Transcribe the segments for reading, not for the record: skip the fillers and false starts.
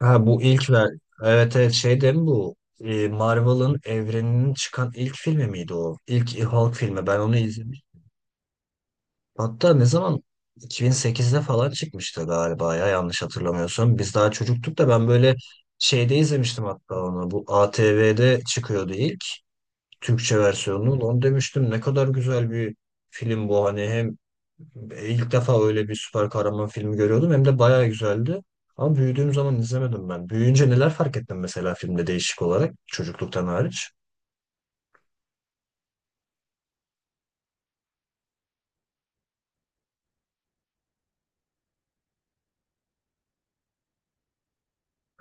Ha bu ilk ver. Evet evet, şey değil mi bu? Marvel'ın evreninin çıkan ilk filmi miydi o? İlk Hulk filmi. Ben onu izlemiş. Hatta ne zaman? 2008'de falan çıkmıştı galiba ya, yanlış hatırlamıyorsam. Biz daha çocuktuk da ben böyle şeyde izlemiştim hatta onu. Bu ATV'de çıkıyordu ilk Türkçe versiyonunu. Onu demiştim, ne kadar güzel bir film bu hani. Hem İlk defa öyle bir süper kahraman filmi görüyordum. Hem de bayağı güzeldi. Ama büyüdüğüm zaman izlemedim ben. Büyüyünce neler fark ettim mesela filmde, değişik olarak çocukluktan hariç.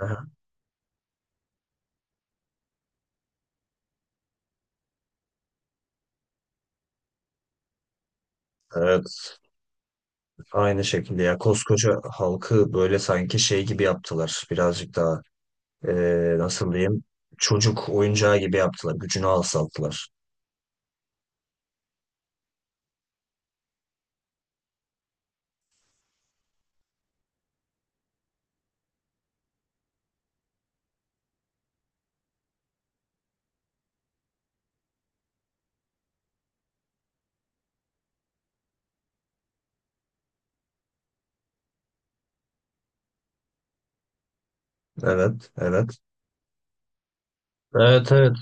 Aha, evet, aynı şekilde ya, koskoca halkı böyle sanki şey gibi yaptılar. Birazcık daha nasıl diyeyim, çocuk oyuncağı gibi yaptılar. Gücünü alçalttılar. Evet evet. Evet evet.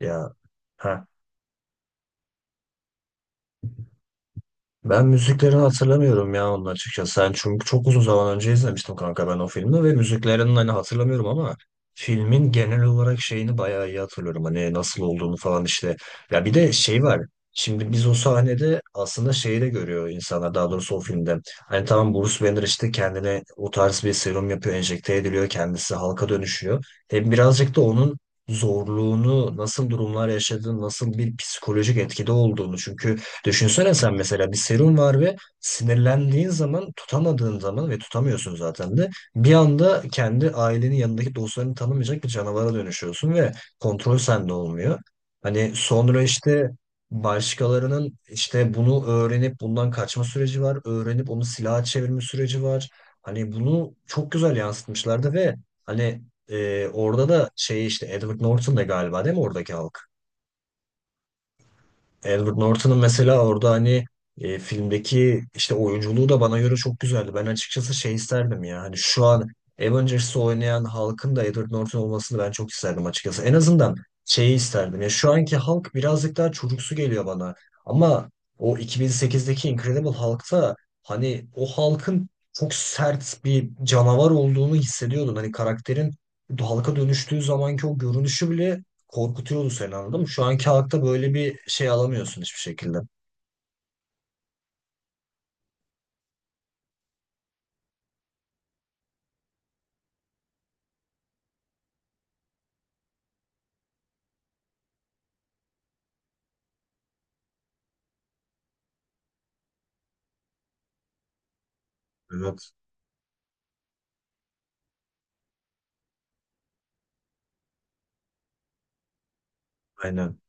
Ya, ha. Ben müziklerini hatırlamıyorum ya onun açıkçası. Sen, çünkü çok uzun zaman önce izlemiştim kanka ben o filmi ve müziklerini hani hatırlamıyorum ama filmin genel olarak şeyini bayağı iyi hatırlıyorum. Hani nasıl olduğunu falan işte. Ya bir de şey var. Şimdi biz o sahnede aslında şeyi de görüyor insanlar, daha doğrusu o filmde. Hani tamam, Bruce Banner işte kendine o tarz bir serum yapıyor, enjekte ediliyor, kendisi halka dönüşüyor. Hem birazcık da onun zorluğunu, nasıl durumlar yaşadığını, nasıl bir psikolojik etkide olduğunu, çünkü düşünsene sen mesela bir serum var ve sinirlendiğin zaman, tutamadığın zaman, ve tutamıyorsun zaten, de bir anda kendi ailenin yanındaki dostlarını tanımayacak bir canavara dönüşüyorsun ve kontrol sende olmuyor. Hani sonra işte başkalarının işte bunu öğrenip bundan kaçma süreci var, öğrenip onu silaha çevirme süreci var. Hani bunu çok güzel yansıtmışlardı ve hani orada da şey işte Edward Norton da galiba değil mi oradaki halk? Edward Norton'ın mesela orada hani filmdeki işte oyunculuğu da bana göre çok güzeldi. Ben açıkçası şey isterdim ya. Hani şu an Avengers'ı oynayan halkın da Edward Norton olmasını ben çok isterdim açıkçası. En azından şeyi isterdim. Ya şu anki Hulk birazcık daha çocuksu geliyor bana. Ama o 2008'deki Incredible Hulk'ta hani o Hulk'ın çok sert bir canavar olduğunu hissediyordun. Hani karakterin Hulk'a dönüştüğü zamanki o görünüşü bile korkutuyordu seni, anladın mı? Şu anki halkta böyle bir şey alamıyorsun hiçbir şekilde. Evet. Aynen.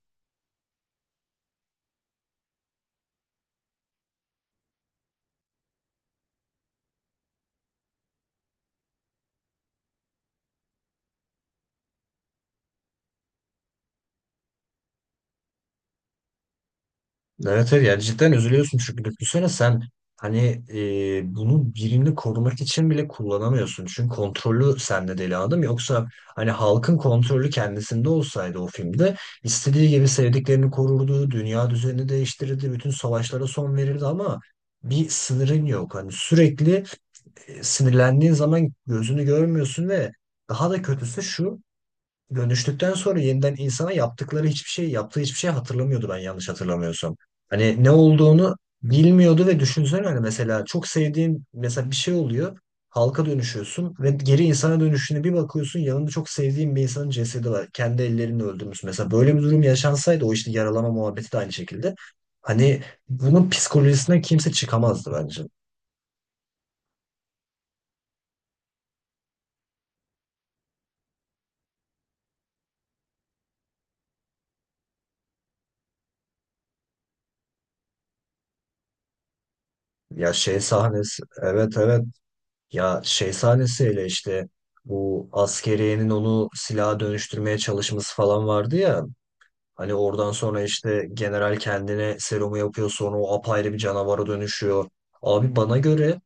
Evet, evet, yani cidden üzülüyorsun çünkü düşünsene sen hani bunu birini korumak için bile kullanamıyorsun. Çünkü kontrolü sende deli adam. Yoksa hani halkın kontrolü kendisinde olsaydı o filmde, istediği gibi sevdiklerini korurdu, dünya düzenini değiştirirdi, bütün savaşlara son verirdi ama bir sınırın yok. Hani sürekli sinirlendiğin zaman gözünü görmüyorsun ve daha da kötüsü şu: dönüştükten sonra yeniden insana yaptıkları hiçbir şey, yaptığı hiçbir şey hatırlamıyordu, ben yanlış hatırlamıyorsam. Hani ne olduğunu bilmiyordu ve düşünsene hani mesela çok sevdiğin, mesela bir şey oluyor. Halka dönüşüyorsun ve geri insana dönüşüne bir bakıyorsun, yanında çok sevdiğin bir insanın cesedi var. Kendi ellerinle öldürmüş. Mesela böyle bir durum yaşansaydı, o işte yaralama muhabbeti de aynı şekilde. Hani bunun psikolojisinden kimse çıkamazdı bence. Ya şey sahnesi. Evet evet. Ya şey sahnesiyle işte bu askeriyenin onu silaha dönüştürmeye çalışması falan vardı ya. Hani oradan sonra işte general kendine serumu yapıyor, sonra o apayrı bir canavara dönüşüyor. Abi bana göre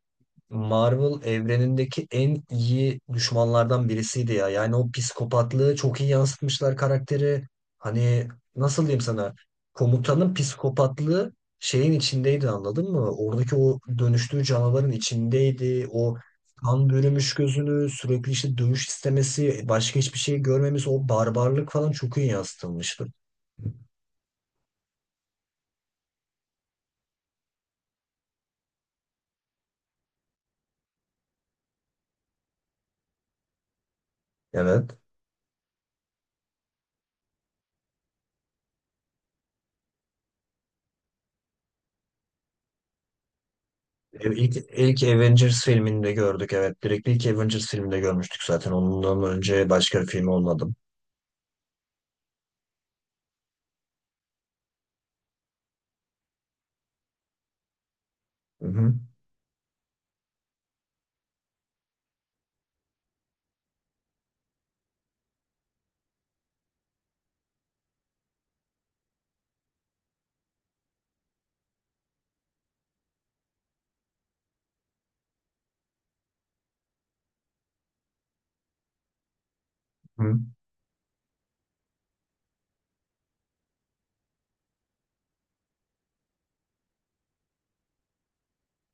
Marvel evrenindeki en iyi düşmanlardan birisiydi ya. Yani o psikopatlığı çok iyi yansıtmışlar karakteri. Hani nasıl diyeyim sana? Komutanın psikopatlığı şeyin içindeydi, anladın mı? Oradaki o dönüştüğü canavarın içindeydi. O kan bürümüş gözünü, sürekli işte dövüş istemesi, başka hiçbir şey görmemiz, o barbarlık falan çok iyi yansıtılmıştı. Evet. İlk Avengers filminde gördük, evet. Direkt ilk Avengers filminde görmüştük zaten. Ondan önce başka bir film olmadım. Hı hı. Hı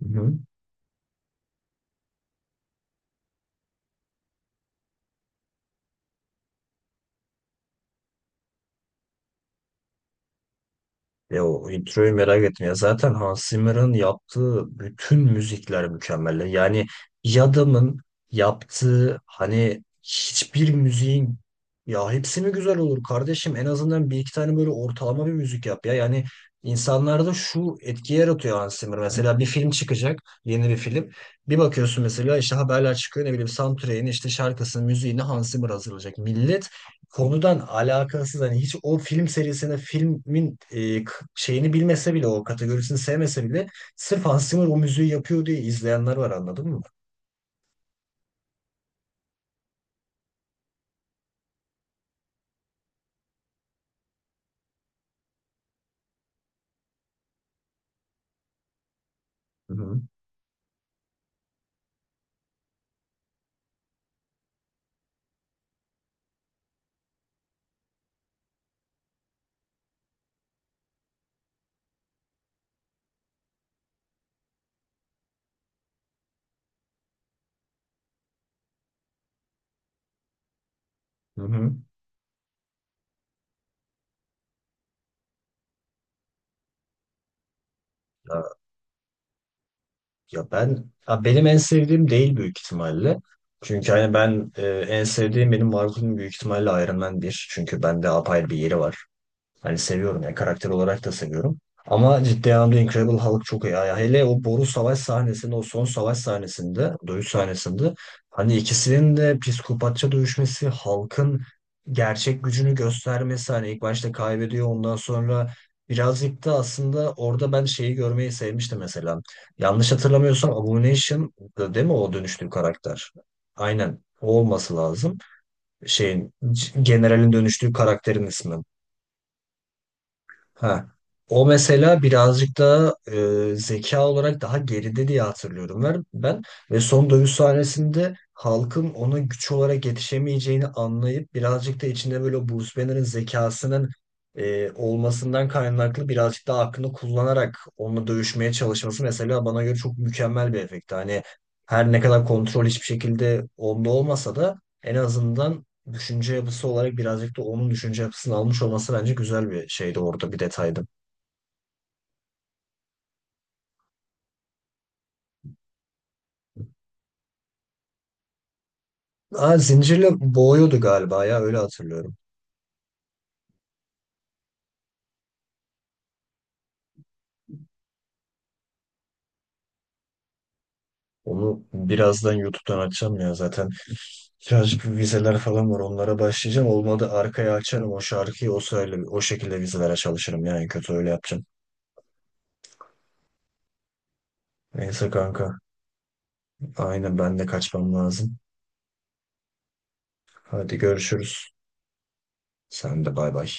hı. Ya o introyu merak ettim. Ya zaten Hans Zimmer'ın yaptığı bütün müzikler mükemmel. Yani bir adamın yaptığı hani hiçbir müziğin, ya hepsi mi güzel olur kardeşim? En azından bir iki tane böyle ortalama bir müzik yap ya. Yani insanlarda şu etki yaratıyor Hans Zimmer. Mesela bir film çıkacak, yeni bir film. Bir bakıyorsun mesela işte haberler çıkıyor, ne bileyim, soundtrack'in işte şarkısının müziğini Hans Zimmer hazırlayacak. Millet konudan alakasız, hani hiç o film serisini, filmin şeyini bilmese bile, o kategorisini sevmese bile sırf Hans Zimmer o müziği yapıyor diye izleyenler var, anladın mı? Hı hı. Hı hı. Ya, ya ben, ya benim en sevdiğim değil büyük ihtimalle. Çünkü hani ben en sevdiğim, benim Marvel'ın büyük ihtimalle Iron Man 1. Çünkü bende apayrı bir yeri var. Hani seviyorum yani, karakter olarak da seviyorum. Ama ciddi anlamda Incredible Hulk çok iyi. Yani hele o boru savaş sahnesinde, o son savaş sahnesinde, dövüş sahnesinde hani ikisinin de psikopatça dövüşmesi, Hulk'ın gerçek gücünü göstermesi, hani ilk başta kaybediyor ondan sonra birazcık da, aslında orada ben şeyi görmeyi sevmiştim mesela. Yanlış hatırlamıyorsam Abomination değil mi o dönüştüğü karakter? Aynen. O olması lazım. Şeyin, generalin dönüştüğü karakterin ismi. Ha. O mesela birazcık daha zeka olarak daha geride diye hatırlıyorum ben. Ve son dövüş sahnesinde halkın ona güç olarak yetişemeyeceğini anlayıp birazcık da içinde böyle o Bruce Banner'ın zekasının olmasından kaynaklı birazcık daha aklını kullanarak onunla dövüşmeye çalışması, mesela bana göre çok mükemmel bir efekti. Hani her ne kadar kontrol hiçbir şekilde onda olmasa da en azından düşünce yapısı olarak birazcık da onun düşünce yapısını almış olması bence güzel bir şeydi orada, bir detaydı. Aa, zincirle boğuyordu galiba ya, öyle hatırlıyorum. Onu birazdan YouTube'dan açacağım ya zaten. Birazcık bir vizeler falan var, onlara başlayacağım. Olmadı arkaya açarım o şarkıyı, o sırayla o şekilde vizelere çalışırım, yani kötü öyle yapacağım. Neyse kanka. Aynen, ben de kaçmam lazım. Hadi görüşürüz. Sen de bay bay.